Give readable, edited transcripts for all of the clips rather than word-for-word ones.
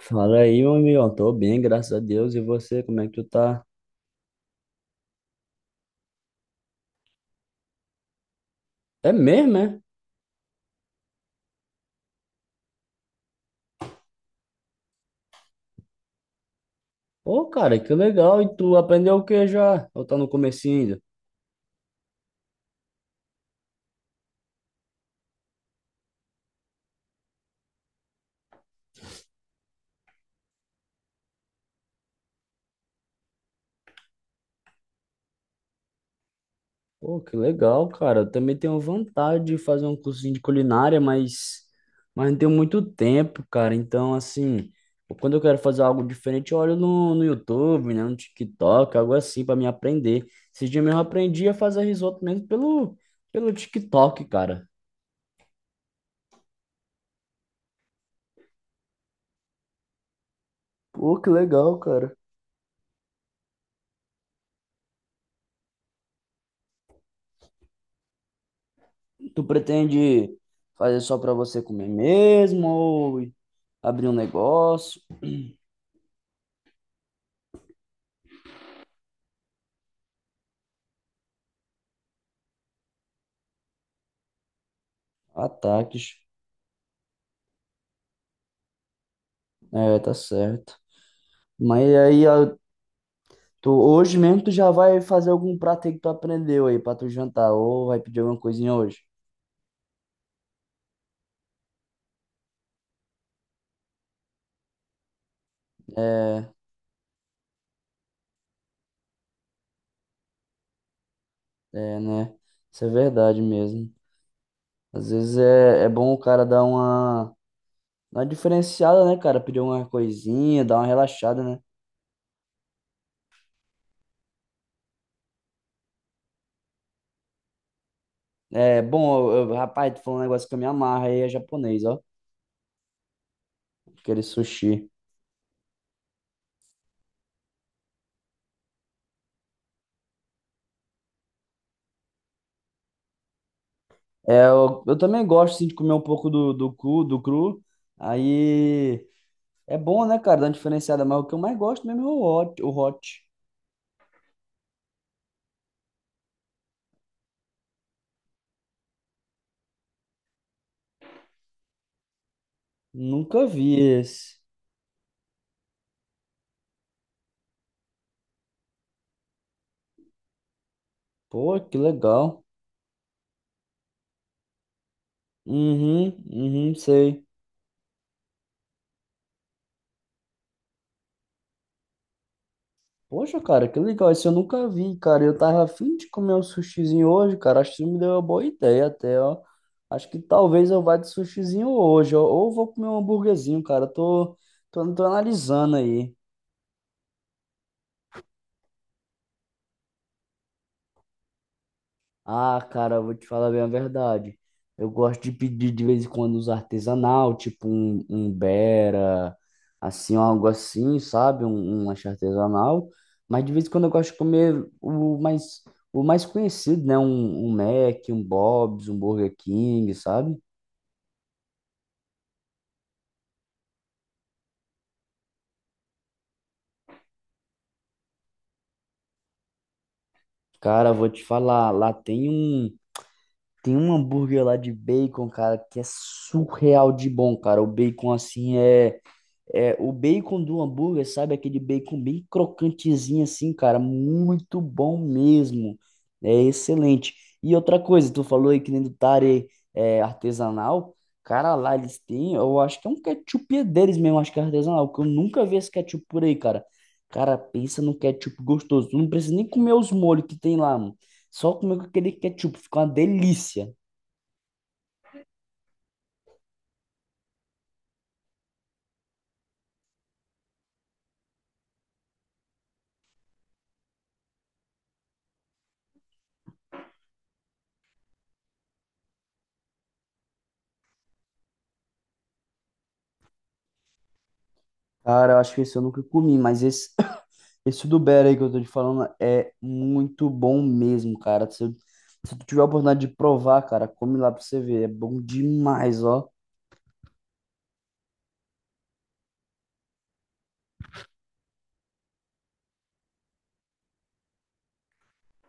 Fala aí, meu amigo. Tô bem, graças a Deus. E você, como é que tu tá? É mesmo, é? Ô, cara, que legal. E tu aprendeu o que já? Ou tá no comecinho ainda? Pô, que legal, cara. Eu também tenho vontade de fazer um cursinho de culinária, mas não tenho muito tempo, cara. Então, assim, quando eu quero fazer algo diferente, eu olho no YouTube, né? No TikTok, algo assim, pra me aprender. Esse dia mesmo eu aprendi a fazer risoto mesmo pelo, pelo TikTok, cara. Pô, que legal, cara. Tu pretende fazer só pra você comer mesmo ou abrir um negócio? Ataques. É, tá certo. Mas aí a- tu, hoje mesmo tu já vai fazer algum prato aí que tu aprendeu aí pra tu jantar ou vai pedir alguma coisinha hoje? É, é, né? Isso é verdade mesmo. Às vezes é bom o cara dar uma diferenciada, né, cara? Pedir uma coisinha, dar uma relaxada, né? É bom, rapaz, tu falou um negócio que eu me amarro aí, é japonês, ó. Aquele sushi. É, eu também gosto assim, de comer um pouco do cru, do cru. Aí é bom, né, cara? Dá uma diferenciada, mas o que eu mais gosto mesmo é o hot, o hot. Nunca vi esse. Pô, que legal. Uhum, uhum, sei. Poxa, cara, que legal. Esse eu nunca vi, cara. Eu tava afim de comer um sushizinho hoje, cara. Acho que isso me deu uma boa ideia até, ó. Acho que talvez eu vá de sushizinho hoje, ó. Ou vou comer um hambúrguerzinho, cara. Tô analisando aí. Ah, cara, eu vou te falar bem a verdade. Eu gosto de pedir de vez em quando os artesanal, tipo um, um Bera, assim, um algo assim, sabe? Um lanche artesanal. Mas de vez em quando eu gosto de comer o mais conhecido, né? Um Mac, um Bob's, um Burger King, sabe? Cara, eu vou te falar, lá tem um hambúrguer lá de bacon, cara, que é surreal de bom, cara. O bacon, assim, é. É, o bacon do hambúrguer, sabe? Aquele bacon bem crocantezinho assim, cara. Muito bom mesmo. É excelente. E outra coisa, tu falou aí que nem do tare é, artesanal. Cara, lá eles têm, eu acho que é um ketchup deles mesmo, acho que é artesanal, porque eu nunca vi esse ketchup por aí, cara. Cara, pensa no ketchup gostoso. Tu não precisa nem comer os molhos que tem lá, mano. Só comer com aquele ketchup, fica uma delícia. Cara, eu acho que esse eu nunca comi, mas esse esse do Bear aí que eu tô te falando é muito bom mesmo, cara. Se tu tiver a oportunidade de provar, cara, come lá pra você ver. É bom demais, ó.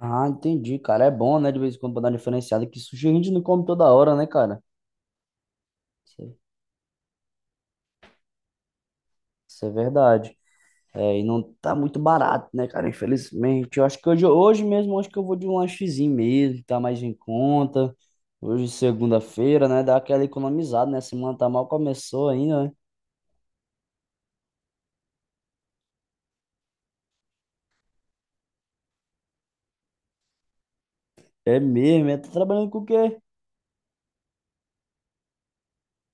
Ah, entendi, cara. É bom, né? De vez em quando pra dar uma diferenciada, que sushi a gente não come toda hora, né, cara? Isso, é, isso é verdade. É, e não tá muito barato, né, cara? Infelizmente. Eu acho que hoje, hoje mesmo, eu acho que eu vou de um lanchezinho mesmo, tá mais em conta. Hoje, segunda-feira, né? Dá aquela economizada, né? Semana tá mal começou ainda, né? É mesmo, é. Tá trabalhando com o quê?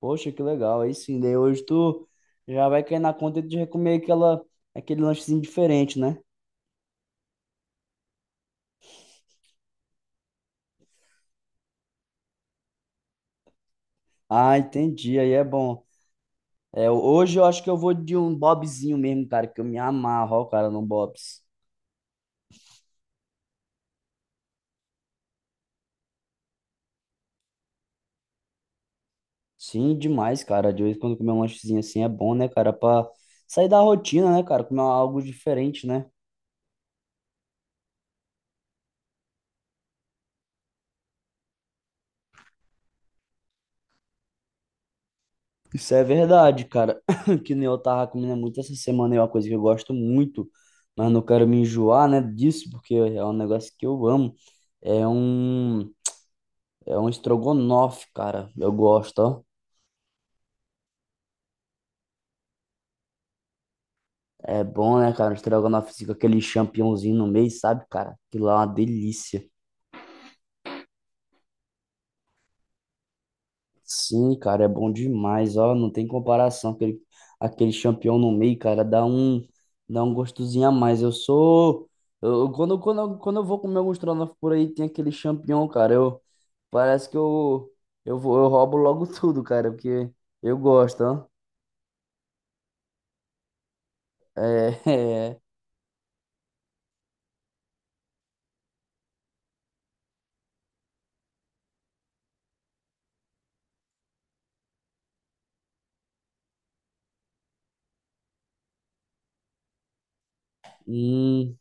Poxa, que legal. Aí sim, daí hoje tu já vai cair na conta de comer aquela, aquele lanchezinho diferente, né? Ah, entendi. Aí é bom. É, hoje eu acho que eu vou de um Bobzinho mesmo, cara, que eu me amarro, ó, cara, no Bob's. Sim, demais, cara. De vez em quando comer um lanchezinho assim é bom, né, cara? Pra sair da rotina, né, cara? Comer algo diferente, né? Isso é verdade, cara. Que nem eu tava comendo muito essa semana, é uma coisa que eu gosto muito, mas não quero me enjoar, né, disso, porque é um negócio que eu amo. É um é um estrogonofe, cara. Eu gosto, ó. É bom, né, cara? Um estrogonofe assim, com aquele champignonzinho no meio, sabe, cara? Aquilo lá é uma delícia. Sim, cara, é bom demais, ó, não tem comparação, aquele, aquele champignon no meio, cara, dá um gostosinho a mais, eu sou, eu, quando eu vou comer alguns estrogonofe por aí, tem aquele champignon, cara, eu, parece que eu vou, eu roubo logo tudo, cara, porque eu gosto, ó, é, é. Hum.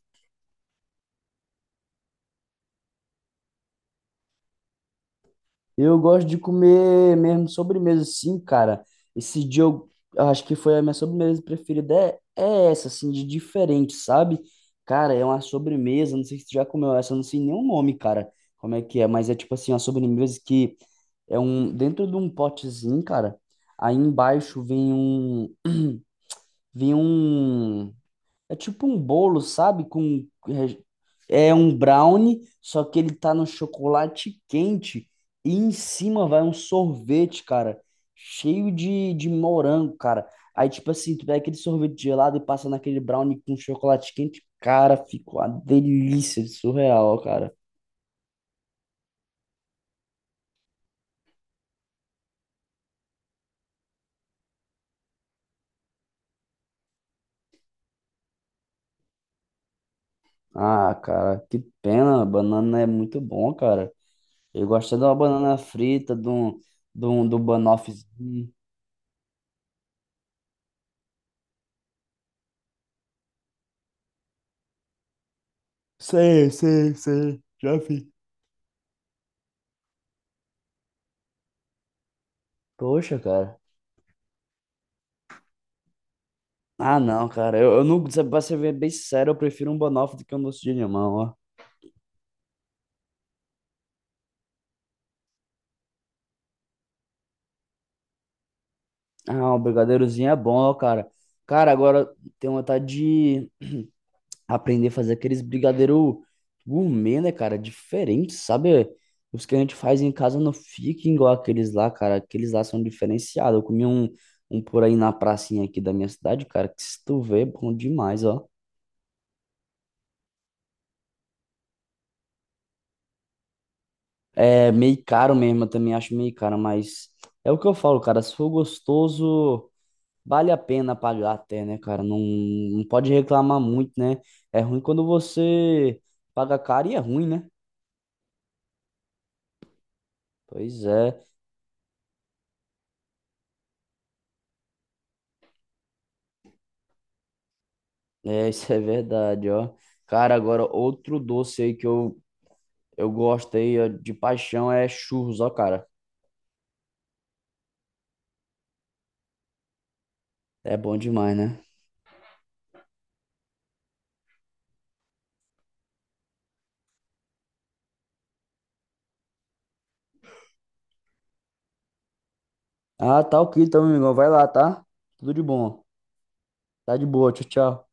Eu gosto de comer mesmo sobremesa, sim, cara. Esse dia eu acho que foi a minha sobremesa preferida. É, é essa, assim, de diferente, sabe? Cara, é uma sobremesa. Não sei se tu já comeu essa, eu não sei nem o nome, cara. Como é que é? Mas é tipo assim, uma sobremesa que é um. Dentro de um potezinho, cara. Aí embaixo vem um. Vem um. É tipo um bolo, sabe? É um brownie, só que ele tá no chocolate quente e em cima vai um sorvete, cara, cheio de morango, cara. Aí tipo assim, tu pega aquele sorvete gelado e passa naquele brownie com chocolate quente, cara, fica uma delícia de surreal, cara. Ah, cara, que pena, banana é muito bom, cara. Eu gosto de uma banana frita, de um, de um banoffezinho. Sei, sei, sei, já vi. Poxa, cara. Ah, não, cara. Eu não, pra ser bem bem sincero, eu prefiro um banoffee do que um doce de limão, ó. Ah, um brigadeirozinho é bom, ó, cara. Cara, agora tenho vontade de aprender a fazer aqueles brigadeiro gourmet, né, cara? Diferente, sabe? Os que a gente faz em casa não ficam igual aqueles lá, cara. Aqueles lá são diferenciados. Eu comi um, um por aí na pracinha aqui da minha cidade, cara, que se tu vê, é bom demais, ó. É meio caro mesmo, eu também acho meio caro, mas é o que eu falo, cara. Se for gostoso. Vale a pena pagar até, né, cara? Não, não pode reclamar muito, né? É ruim quando você paga caro e é ruim, né? Pois é, é, isso é verdade, ó. Cara, agora outro doce aí que eu gosto aí, ó, de paixão é churros, ó, cara. É bom demais, né? Ah, tá ok, então, meu amigão. Vai lá, tá? Tudo de bom. Tá de boa, tchau, tchau.